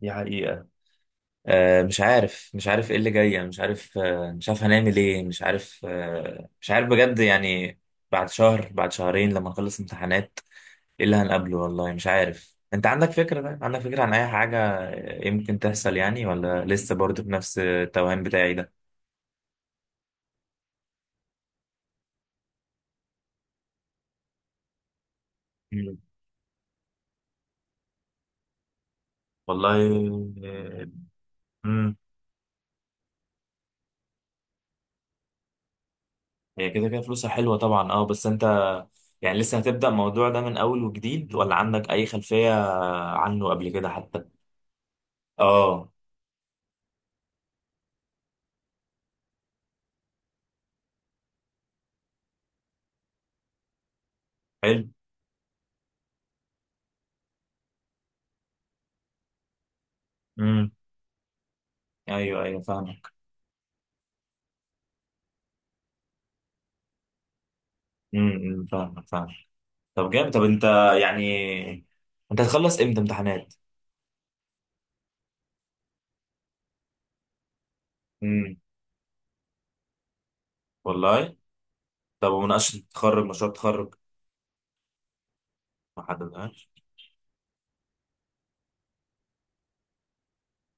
دي حقيقة. مش عارف، ايه اللي جاي، يعني مش عارف. مش عارف هنعمل ايه. مش عارف، مش عارف بجد يعني. بعد شهر، بعد شهرين لما نخلص امتحانات، ايه اللي هنقابله؟ والله مش عارف. انت عندك فكرة؟ طيب عندك فكرة عن اي حاجة يمكن تحصل يعني، ولا لسه برضه في نفس التوهان بتاعي ده؟ مم. والله. امم. هي كده كده فلوسها حلوة طبعا، اه، بس انت يعني لسه هتبدأ الموضوع ده من اول وجديد، ولا عندك اي خلفية عنه قبل كده حتى؟ اه. حلو. مم. ايوه ايوه فاهمك. امم، إمم، فاهمك فاهمك. طب جامد. طب انت يعني، انت هتخلص امتى امتحانات؟ امم. والله. طب ومناقشه التخرج، مشروع التخرج؟ ما حددهاش.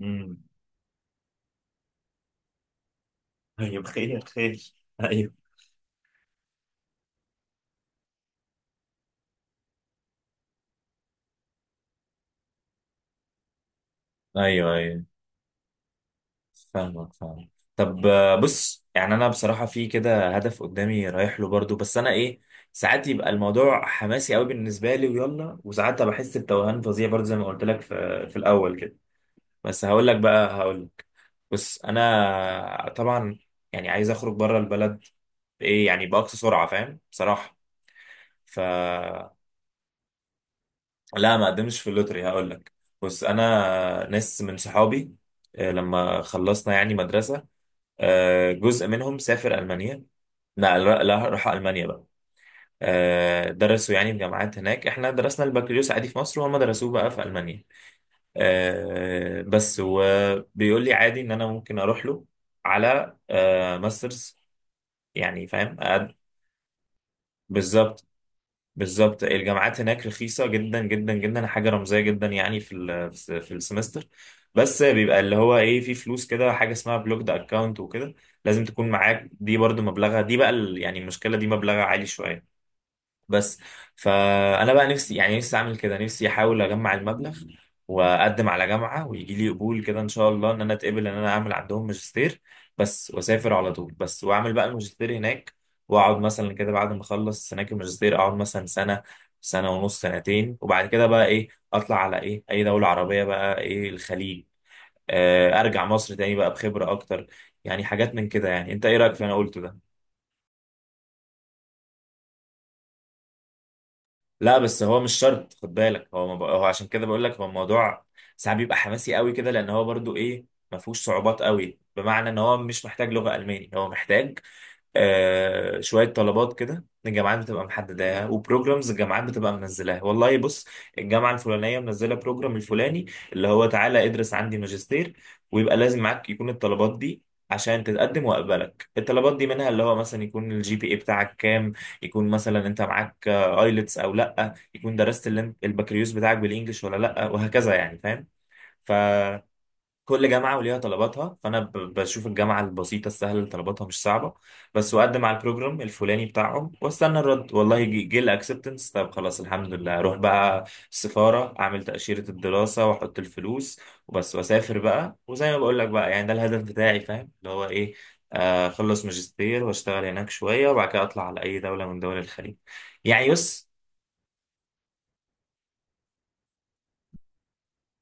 امم. طيب، خير خير. ايوه ايوه ايوه فاهمك فاهمك. طب، بص، يعني انا بصراحه في كده هدف قدامي رايح له برضو، بس انا ايه، ساعات يبقى الموضوع حماسي قوي بالنسبه لي ويلا، وساعات بحس بتوهان فظيع برضو زي ما قلت لك في الاول كده. بس هقول لك بقى، هقول لك. بس انا طبعا يعني عايز اخرج بره البلد، بايه؟ يعني باقصى سرعه، فاهم، بصراحه. ف لا ما قدمتش في اللوتري، هقول لك. بس انا ناس من صحابي، لما خلصنا يعني مدرسه، جزء منهم سافر المانيا. لا لا لا، راح المانيا بقى. درسوا يعني في جامعات هناك. احنا درسنا البكالوريوس عادي في مصر، وهم درسوه بقى في المانيا. بس وبيقول لي عادي ان انا ممكن اروح له على ماسترز. يعني فاهم بالظبط. بالظبط الجامعات هناك رخيصة جدا جدا جدا، حاجة رمزية جدا يعني، في في السمستر. بس بيبقى اللي هو ايه، في فلوس كده حاجة اسمها بلوكد اكونت وكده، لازم تكون معاك دي برضو. مبلغها دي بقى يعني المشكلة دي مبلغها عالي شوية، بس. فانا بقى نفسي، يعني نفسي اعمل كده، نفسي احاول اجمع المبلغ واقدم على جامعه، ويجي لي قبول كده ان شاء الله، ان انا اتقبل، ان انا اعمل عندهم ماجستير بس. واسافر على طول بس، واعمل بقى الماجستير هناك. واقعد مثلا كده، بعد ما اخلص هناك الماجستير، اقعد مثلا سنه، سنه ونص، سنتين، وبعد كده بقى ايه اطلع على ايه اي دوله عربيه، بقى ايه الخليج. ارجع مصر تاني بقى بخبره اكتر. يعني حاجات من كده يعني. انت ايه رايك في اللي انا قلته ده؟ لا بس هو مش شرط، خد بالك. هو ما بق- هو عشان كده بقول لك، هو الموضوع ساعات بيبقى حماسي قوي كده، لان هو برضو ايه، ما فيهوش صعوبات قوي. بمعنى ان هو مش محتاج لغة الماني. هو محتاج شويه طلبات كده، الجامعات بتبقى محددها، وبروجرامز الجامعات بتبقى منزلاها. والله بص، الجامعه الفلانيه منزله بروجرام الفلاني، اللي هو تعالى ادرس عندي ماجستير. ويبقى لازم معاك يكون الطلبات دي عشان تتقدم واقبلك. الطلبات دي منها اللي هو مثلا يكون الجي بي اي بتاعك كام، يكون مثلا انت معاك ايلتس او لا، يكون درست البكالوريوس بتاعك بالانجلش ولا لا، وهكذا يعني. فاهم. كل جامعة وليها طلباتها، فأنا بشوف الجامعة البسيطة السهلة اللي طلباتها مش صعبة بس، وأقدم على البروجرام الفلاني بتاعهم، وأستنى الرد. والله جه، جه الأكسبتنس، طب خلاص الحمد لله. أروح بقى السفارة، أعمل تأشيرة الدراسة وأحط الفلوس وبس، وأسافر بقى. وزي ما بقول لك بقى، يعني ده الهدف بتاعي. فاهم اللي هو إيه، أخلص ماجستير وأشتغل هناك شوية، وبعد كده أطلع على أي دولة من دول الخليج. يعني يس.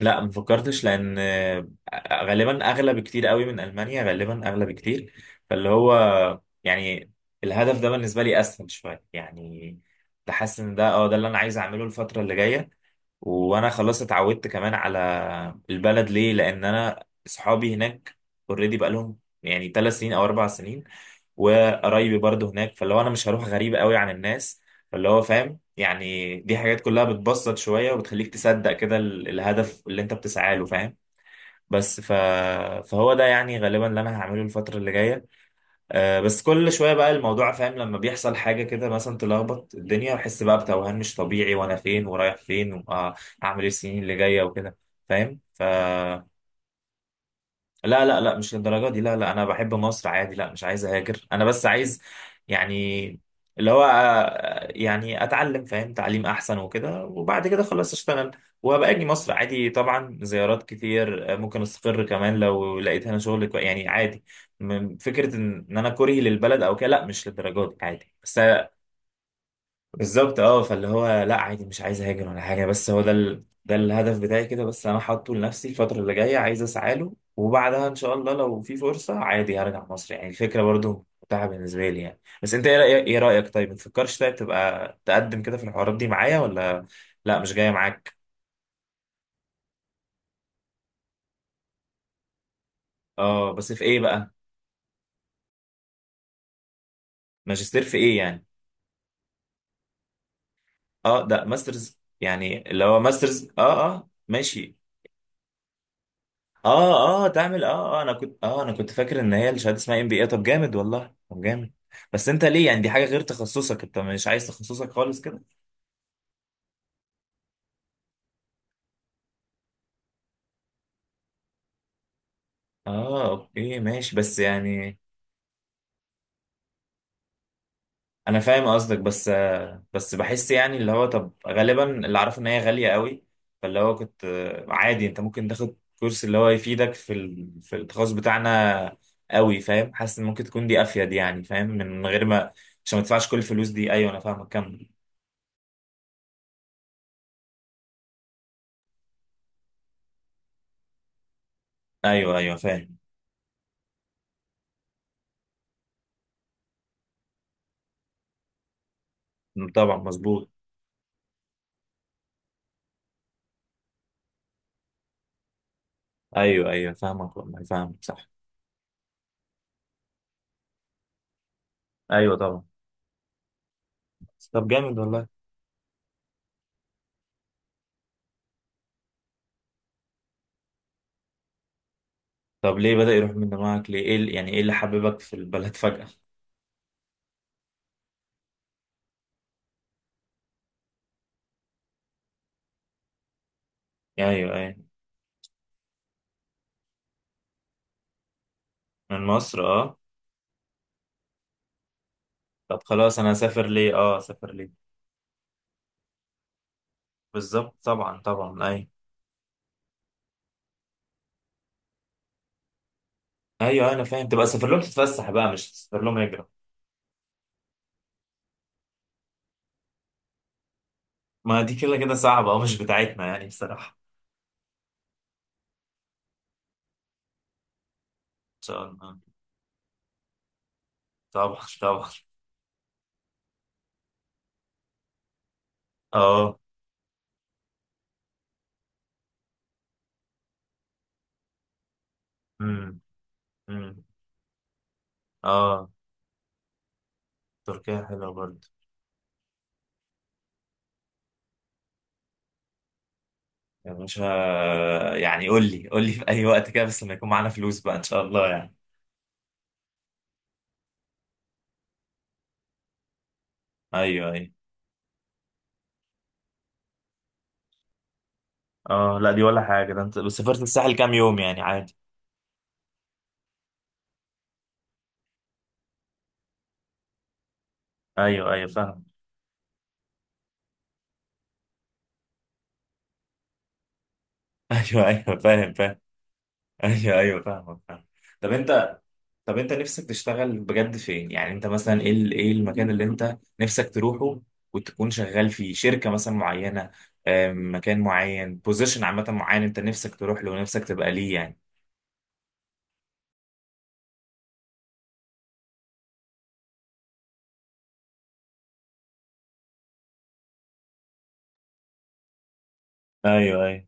لا ما فكرتش، لان غالبا اغلى بكتير قوي من المانيا، غالبا اغلى بكتير. فاللي هو يعني الهدف ده بالنسبه لي اسهل شويه يعني. بحس ان ده اه، ده اللي انا عايز اعمله الفتره اللي جايه. وانا خلاص اتعودت كمان على البلد. ليه؟ لان انا اصحابي هناك اوريدي بقى لهم يعني 3 سنين او 4 سنين، وقرايبي برضه هناك. فاللي هو انا مش هروح غريب قوي عن الناس. فاللي هو فاهم، يعني دي حاجات كلها بتبسط شوية، وبتخليك تصدق كده الهدف اللي انت بتسعى له، فاهم. بس فهو ده يعني غالبا اللي انا هعمله الفترة اللي جاية. آه بس كل شويه بقى الموضوع، فاهم، لما بيحصل حاجه كده مثلا تلخبط الدنيا، بحس بقى بتوهان مش طبيعي، وانا فين ورايح فين واعمل ايه السنين اللي جايه وكده، فاهم. لا لا لا، مش للدرجة دي، لا لا. أنا بحب مصر عادي، لا مش عايز أهاجر. أنا بس عايز يعني اللي هو، يعني أتعلم، فاهم، تعليم أحسن وكده، وبعد كده خلاص أشتغل. وهبقى أجي مصر عادي طبعا زيارات كتير. ممكن أستقر كمان لو لقيت هنا شغل يعني عادي. فكرة إن أنا كرهي للبلد أو كده، لا مش للدرجة دي عادي، بس. بالظبط اه. فاللي هو لا عادي مش عايز اهاجر ولا حاجه. بس هو ده ال... ده الهدف بتاعي كده بس. انا حاطه لنفسي الفتره اللي جايه، عايز اسعى له، وبعدها ان شاء الله لو في فرصه عادي هرجع مصر. يعني الفكره برضو متاحه بالنسبه لي يعني. بس انت ايه رايك؟ ايه رايك؟ طيب ما تفكرش؟ طيب تبقى تقدم كده في الحوارات دي معايا، ولا لا مش جايه معاك؟ اه بس في ايه بقى؟ ماجستير في ايه يعني؟ اه ده ماسترز يعني اللي هو ماسترز، اه اه ماشي. اه اه، تعمل اه. اه انا كنت، اه انا كنت فاكر ان هي الشهاده اسمها ام بي اي. طب جامد والله، طب جامد. بس انت ليه؟ يعني دي حاجه غير تخصصك. انت مش عايز تخصصك خالص كده؟ اه اوكي ماشي، بس يعني انا فاهم قصدك. بس بس بحس يعني اللي هو، طب غالبا اللي اعرفه ان هي غاليه قوي، فاللي هو كنت عادي انت ممكن تاخد كورس اللي هو يفيدك في ال... في التخصص بتاعنا قوي. فاهم، حاسس ان ممكن تكون دي افيد يعني، فاهم، من غير ما عشان ما تدفعش كل الفلوس دي. ايوه انا فاهمك، كمل. ايوه ايوه فاهم. طبعا مظبوط. ايوه ايوه فاهمك والله فاهمك، صح. ايوه طبعا. طب جامد والله. طب ليه بدأ يروح من دماغك؟ ليه ايه ال-؟ يعني ايه اللي حببك في البلد فجأة؟ ايوه ايوه. من مصر اه. طب خلاص انا هسافر ليه؟ اه، اسافر ليه؟ بالظبط طبعا طبعا ايوه. ايوه انا فاهم، تبقى سافر لهم تتفسح بقى مش تسافر لهم هجرة. ما دي كده كده صعبة، اه مش بتاعتنا يعني بصراحة. ان شاء الله، طبعا طبعا. اه. امم. امم. اه، تركيا حلوة برضه. يا باشا، يعني قول لي، قول لي في اي وقت كده، بس لما يكون معانا فلوس بقى ان شاء الله يعني. ايوه ايوه. اه لا دي ولا حاجه، ده انت بس سافرت الساحل كام يوم يعني عادي. ايوه ايوه فاهم. ايوه ايوه فاهم فاهم. ايوه ايوه فاهمك فاهم. طب انت، طب انت نفسك تشتغل بجد فين يعني؟ انت مثلا ايه ال-؟ ايه المكان اللي انت نفسك تروحه، وتكون شغال فيه شركه مثلا معينه، مكان معين، بوزيشن عامه معين، انت نفسك تروح له ونفسك تبقى ليه يعني؟ ايوه ايوه.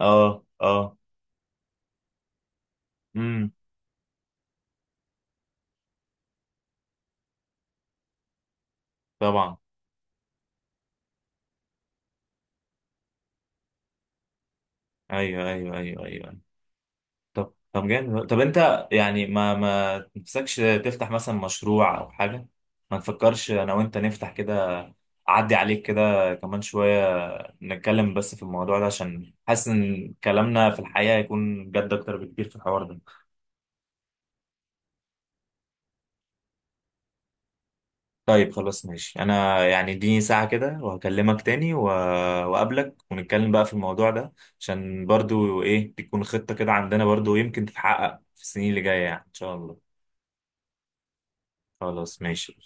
اه اه. امم. طبعا. ايوه ايوه ايوه ايوه. طب طب جامد. طب انت يعني ما ما تنفسكش تفتح مثلا مشروع او حاجه؟ ما نفكرش انا وانت نفتح كده. اعدي عليك كده كمان شويه، نتكلم بس في الموضوع ده، عشان حاسس ان كلامنا في الحقيقه هيكون جد اكتر بكتير في الحوار ده. طيب خلاص ماشي. انا يعني اديني ساعه كده وهكلمك تاني واقابلك، ونتكلم بقى في الموضوع ده، عشان برضو ايه، تكون خطه كده عندنا برضو يمكن تتحقق في السنين اللي جايه يعني ان شاء الله. خلاص ماشي.